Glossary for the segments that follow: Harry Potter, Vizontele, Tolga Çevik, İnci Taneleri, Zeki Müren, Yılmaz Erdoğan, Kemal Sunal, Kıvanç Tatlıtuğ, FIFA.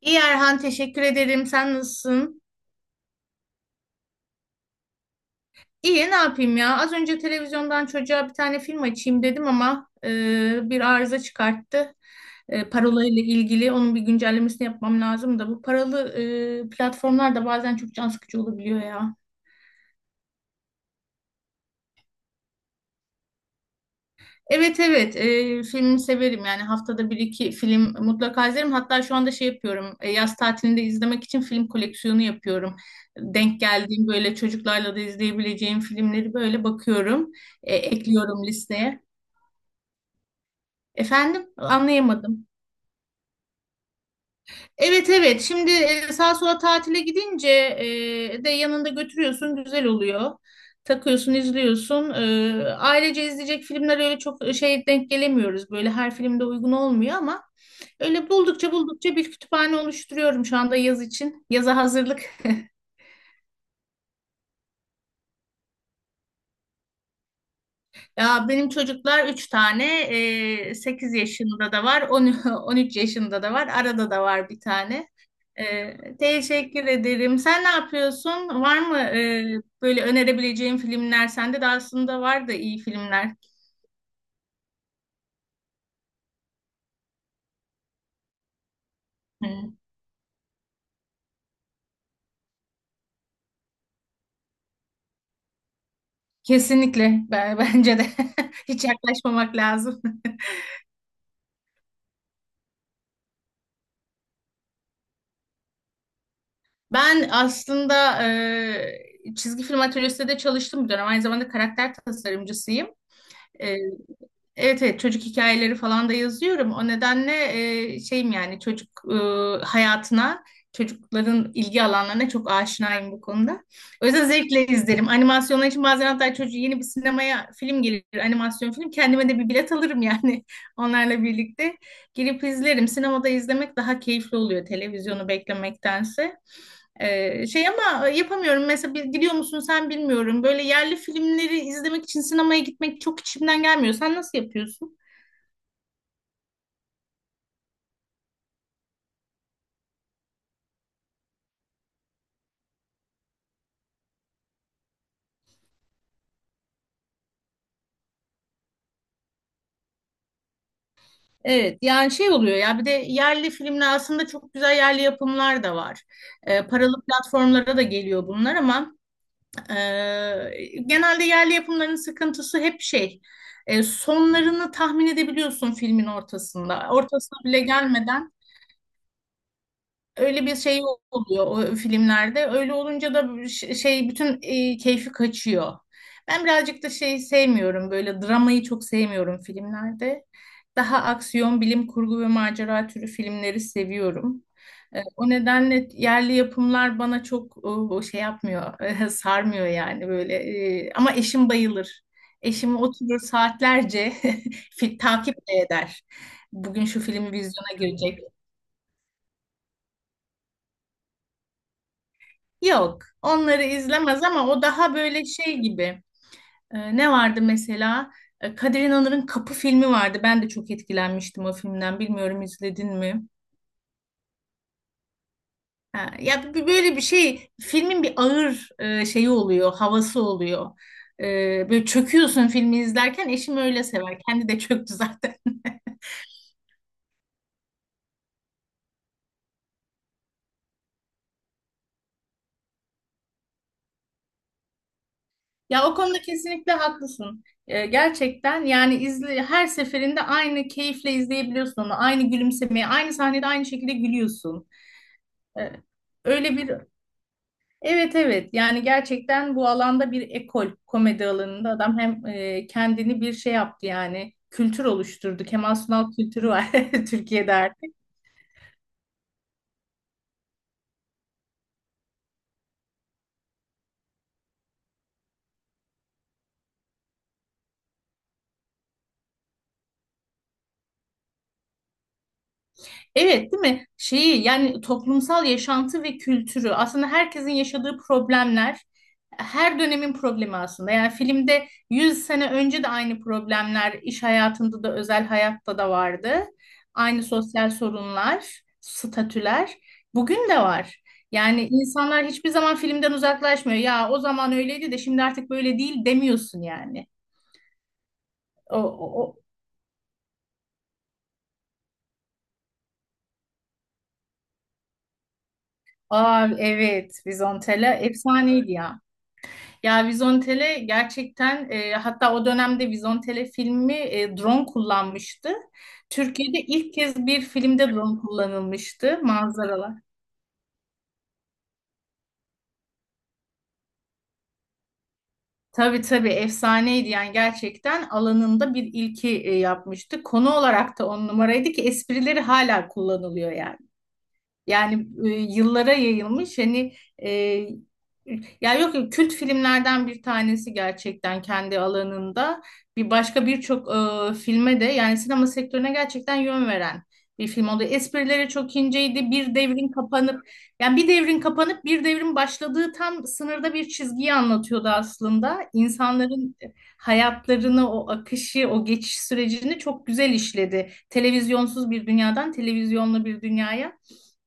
İyi Erhan, teşekkür ederim. Sen nasılsın? İyi, ne yapayım ya? Az önce televizyondan çocuğa bir tane film açayım dedim ama bir arıza çıkarttı. Parola ile ilgili onun bir güncellemesini yapmam lazım da bu paralı platformlar da bazen çok can sıkıcı olabiliyor ya. Evet, evet, filmi severim, yani haftada bir iki film mutlaka izlerim. Hatta şu anda şey yapıyorum, yaz tatilinde izlemek için film koleksiyonu yapıyorum. Denk geldiğim, böyle çocuklarla da izleyebileceğim filmleri böyle bakıyorum, ekliyorum listeye. Efendim, anlayamadım. Evet, evet, şimdi sağa sola tatile gidince de yanında götürüyorsun, güzel oluyor. Takıyorsun, izliyorsun. E, ailece izleyecek filmler öyle çok şey, denk gelemiyoruz. Böyle her filmde uygun olmuyor ama öyle buldukça bir kütüphane oluşturuyorum şu anda yaz için. Yaza hazırlık. Ya benim çocuklar 3 tane. 8 yaşında da var, 10 13 yaşında da var, arada da var bir tane. Teşekkür ederim. Sen ne yapıyorsun? Var mı böyle önerebileceğin filmler? Sende de aslında var da iyi filmler. Hı. Kesinlikle. Ben, bence de hiç yaklaşmamak lazım. Ben aslında çizgi film atölyesinde de çalıştım bir dönem. Aynı zamanda karakter tasarımcısıyım. Evet, evet, çocuk hikayeleri falan da yazıyorum. O nedenle şeyim, yani çocuk hayatına, çocukların ilgi alanlarına çok aşinayım bu konuda. O yüzden zevkle izlerim. Animasyonlar için bazen hatta çocuğu yeni bir sinemaya film gelir, animasyon film. Kendime de bir bilet alırım yani, onlarla birlikte. Girip izlerim. Sinemada izlemek daha keyifli oluyor televizyonu beklemektense. Şey ama yapamıyorum. Mesela biliyor musun? Sen bilmiyorum. Böyle yerli filmleri izlemek için sinemaya gitmek çok içimden gelmiyor. Sen nasıl yapıyorsun? Evet, yani şey oluyor ya, bir de yerli filmler aslında çok güzel yerli yapımlar da var. Paralı platformlara da geliyor bunlar ama e, genelde yerli yapımların sıkıntısı hep şey, sonlarını tahmin edebiliyorsun filmin ortasında. Ortasına bile gelmeden öyle bir şey oluyor o filmlerde. Öyle olunca da şey, bütün keyfi kaçıyor. Ben birazcık da şey sevmiyorum. Böyle dramayı çok sevmiyorum filmlerde. Daha aksiyon, bilim kurgu ve macera türü filmleri seviyorum. E, o nedenle yerli yapımlar bana çok şey yapmıyor, sarmıyor yani böyle. E, ama eşim bayılır. Eşim oturur saatlerce, takip de eder. Bugün şu film vizyona girecek. Yok, onları izlemez ama o daha böyle şey gibi. Ne vardı mesela? Kadir İnanır'ın Kapı filmi vardı. Ben de çok etkilenmiştim o filmden. Bilmiyorum, izledin mi? Ha, ya böyle bir şey, filmin bir ağır şeyi oluyor, havası oluyor. Böyle çöküyorsun filmi izlerken. Eşim öyle sever. Kendi de çöktü zaten. Ya o konuda kesinlikle haklısın. Gerçekten yani izle, her seferinde aynı keyifle izleyebiliyorsun onu. Aynı gülümsemeye, aynı sahnede aynı şekilde gülüyorsun. E, Öyle bir evet, evet, yani gerçekten bu alanda bir ekol, komedi alanında adam hem kendini bir şey yaptı, yani kültür oluşturdu. Kemal Sunal kültürü var Türkiye'de. Evet, değil mi? Şeyi yani toplumsal yaşantı ve kültürü aslında herkesin yaşadığı problemler, her dönemin problemi aslında. Yani filmde 100 sene önce de aynı problemler iş hayatında da özel hayatta da vardı. Aynı sosyal sorunlar, statüler bugün de var. Yani insanlar hiçbir zaman filmden uzaklaşmıyor. Ya o zaman öyleydi de şimdi artık böyle değil demiyorsun yani. O, o, o. Aa, evet, Vizontela efsaneydi ya. Ya Vizontele gerçekten hatta o dönemde Vizontele filmi drone kullanmıştı. Türkiye'de ilk kez bir filmde drone kullanılmıştı manzaralar. Tabii, tabii efsaneydi, yani gerçekten alanında bir ilki yapmıştı. Konu olarak da on numaraydı ki esprileri hala kullanılıyor yani. Yani yıllara yayılmış hani, e, ya yok, yok, kült filmlerden bir tanesi gerçekten kendi alanında, bir başka birçok filme de yani sinema sektörüne gerçekten yön veren bir film oldu. Esprileri çok inceydi. Bir devrin kapanıp, yani bir devrin kapanıp bir devrin başladığı tam sınırda bir çizgiyi anlatıyordu aslında. İnsanların hayatlarını, o akışı, o geçiş sürecini çok güzel işledi. Televizyonsuz bir dünyadan televizyonlu bir dünyaya.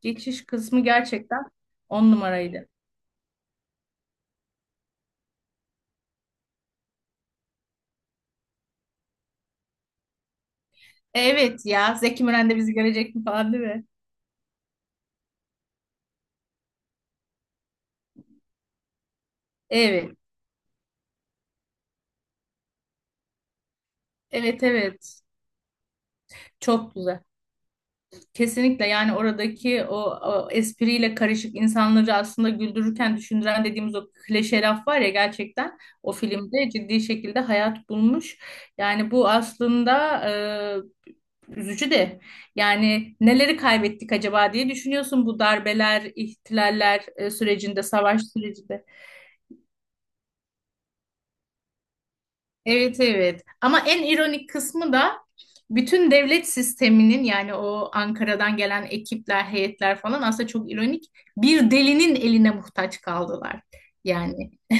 Geçiş kısmı gerçekten on numaraydı. Evet ya, Zeki Müren de bizi görecek mi falan, değil mi? Evet. Evet, evet. Çok güzel. Kesinlikle, yani oradaki o, o espriyle karışık insanları aslında güldürürken düşündüren dediğimiz o klişe laf var ya, gerçekten o filmde ciddi şekilde hayat bulmuş. Yani bu aslında üzücü de, yani neleri kaybettik acaba diye düşünüyorsun bu darbeler, ihtilaller sürecinde, savaş sürecinde. Evet, evet. Ama en ironik kısmı da bütün devlet sisteminin, yani o Ankara'dan gelen ekipler, heyetler falan aslında çok ironik. Bir delinin eline muhtaç kaldılar. Yani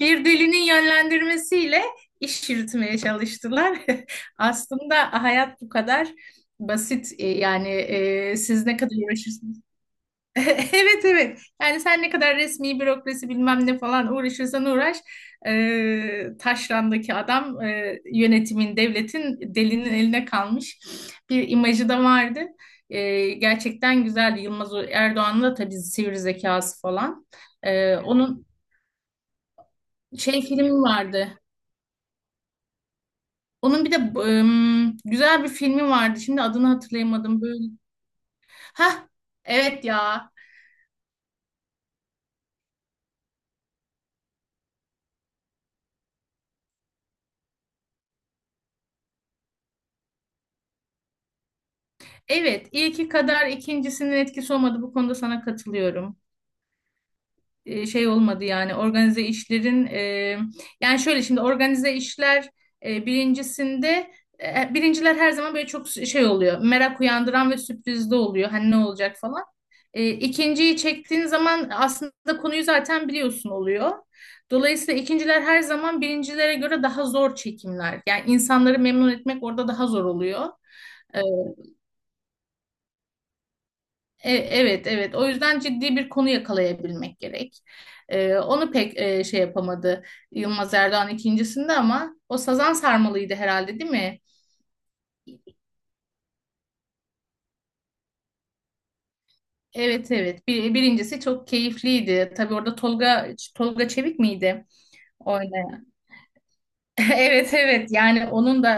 bir delinin yönlendirmesiyle iş yürütmeye çalıştılar. Aslında hayat bu kadar basit. E, yani siz ne kadar uğraşırsınız? Evet, evet. Yani sen ne kadar resmi bürokrasi bilmem ne falan uğraşırsan uğraş, taşrandaki adam, yönetimin, devletin delinin eline kalmış bir imajı da vardı. E, gerçekten güzeldi. Yılmaz Erdoğan'ın da tabii sivri zekası falan. E, onun şey filmi vardı. Onun bir de güzel bir filmi vardı. Şimdi adını hatırlayamadım. Böyle. Ha, evet ya. Evet, ilki kadar ikincisinin etkisi olmadı. Bu konuda sana katılıyorum. Şey olmadı yani organize işlerin, yani şöyle, şimdi organize işler birincisinde birinciler her zaman böyle çok şey oluyor, merak uyandıran ve sürprizli oluyor, hani ne olacak falan. E, ikinciyi çektiğin zaman aslında konuyu zaten biliyorsun oluyor. Dolayısıyla ikinciler her zaman birincilere göre daha zor çekimler. Yani insanları memnun etmek orada daha zor oluyor. E, evet, evet. O yüzden ciddi bir konu yakalayabilmek gerek. E, onu pek şey yapamadı Yılmaz Erdoğan ikincisinde ama o Sazan Sarmalı'ydı herhalde, değil mi? Evet, evet. Birincisi çok keyifliydi. Tabii orada Tolga Çevik miydi? Evet, evet, yani onun da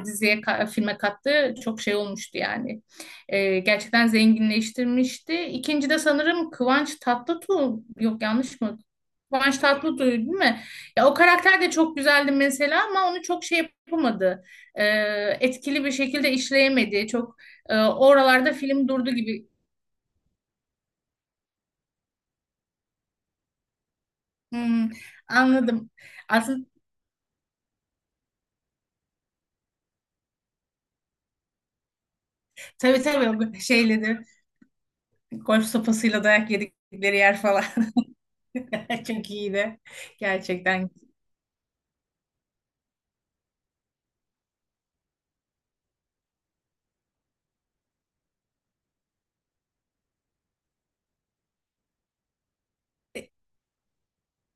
diziye filme kattığı çok şey olmuştu yani. E, gerçekten zenginleştirmişti. İkinci de sanırım Kıvanç Tatlıtuğ, yok yanlış mı? Kıvanç Tatlıtuğ değil mi? Ya o karakter de çok güzeldi mesela ama onu çok şey yapamadı. E, etkili bir şekilde işleyemedi. Çok oralarda film durdu gibi. Hmm, anladım. Aslında tabii, tabii o şeyle de golf sopasıyla dayak yedikleri yer falan. Çok iyiydi. Gerçekten.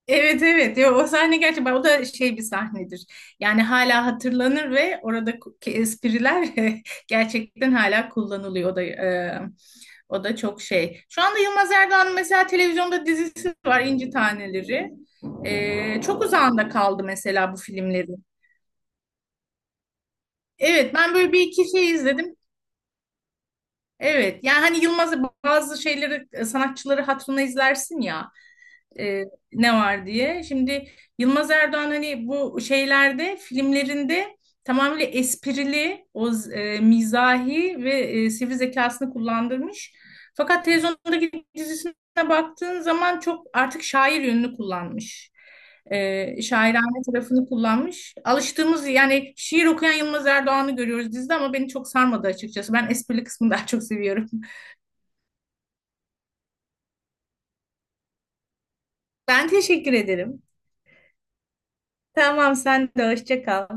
Evet, evet. Ya, o sahne gerçekten, o da şey bir sahnedir. Yani hala hatırlanır ve oradaki espriler gerçekten hala kullanılıyor. O da o da çok şey. Şu anda Yılmaz Erdoğan'ın mesela televizyonda dizisi var, İnci Taneleri. E, çok uzağında kaldı mesela bu filmleri. Evet, ben böyle bir iki şey izledim. Evet, yani hani Yılmaz'ı, bazı şeyleri, sanatçıları hatırına izlersin ya, e, ne var diye. Şimdi Yılmaz Erdoğan, hani bu şeylerde, filmlerinde tamamıyla esprili, mizahi ve sivri zekasını kullandırmış. Fakat televizyondaki dizisine baktığın zaman çok artık şair yönünü kullanmış. E, şairane tarafını kullanmış. Alıştığımız yani şiir okuyan Yılmaz Erdoğan'ı görüyoruz dizide ama beni çok sarmadı açıkçası. Ben esprili kısmını daha çok seviyorum. Ben teşekkür ederim. Tamam, sen de hoşça kal.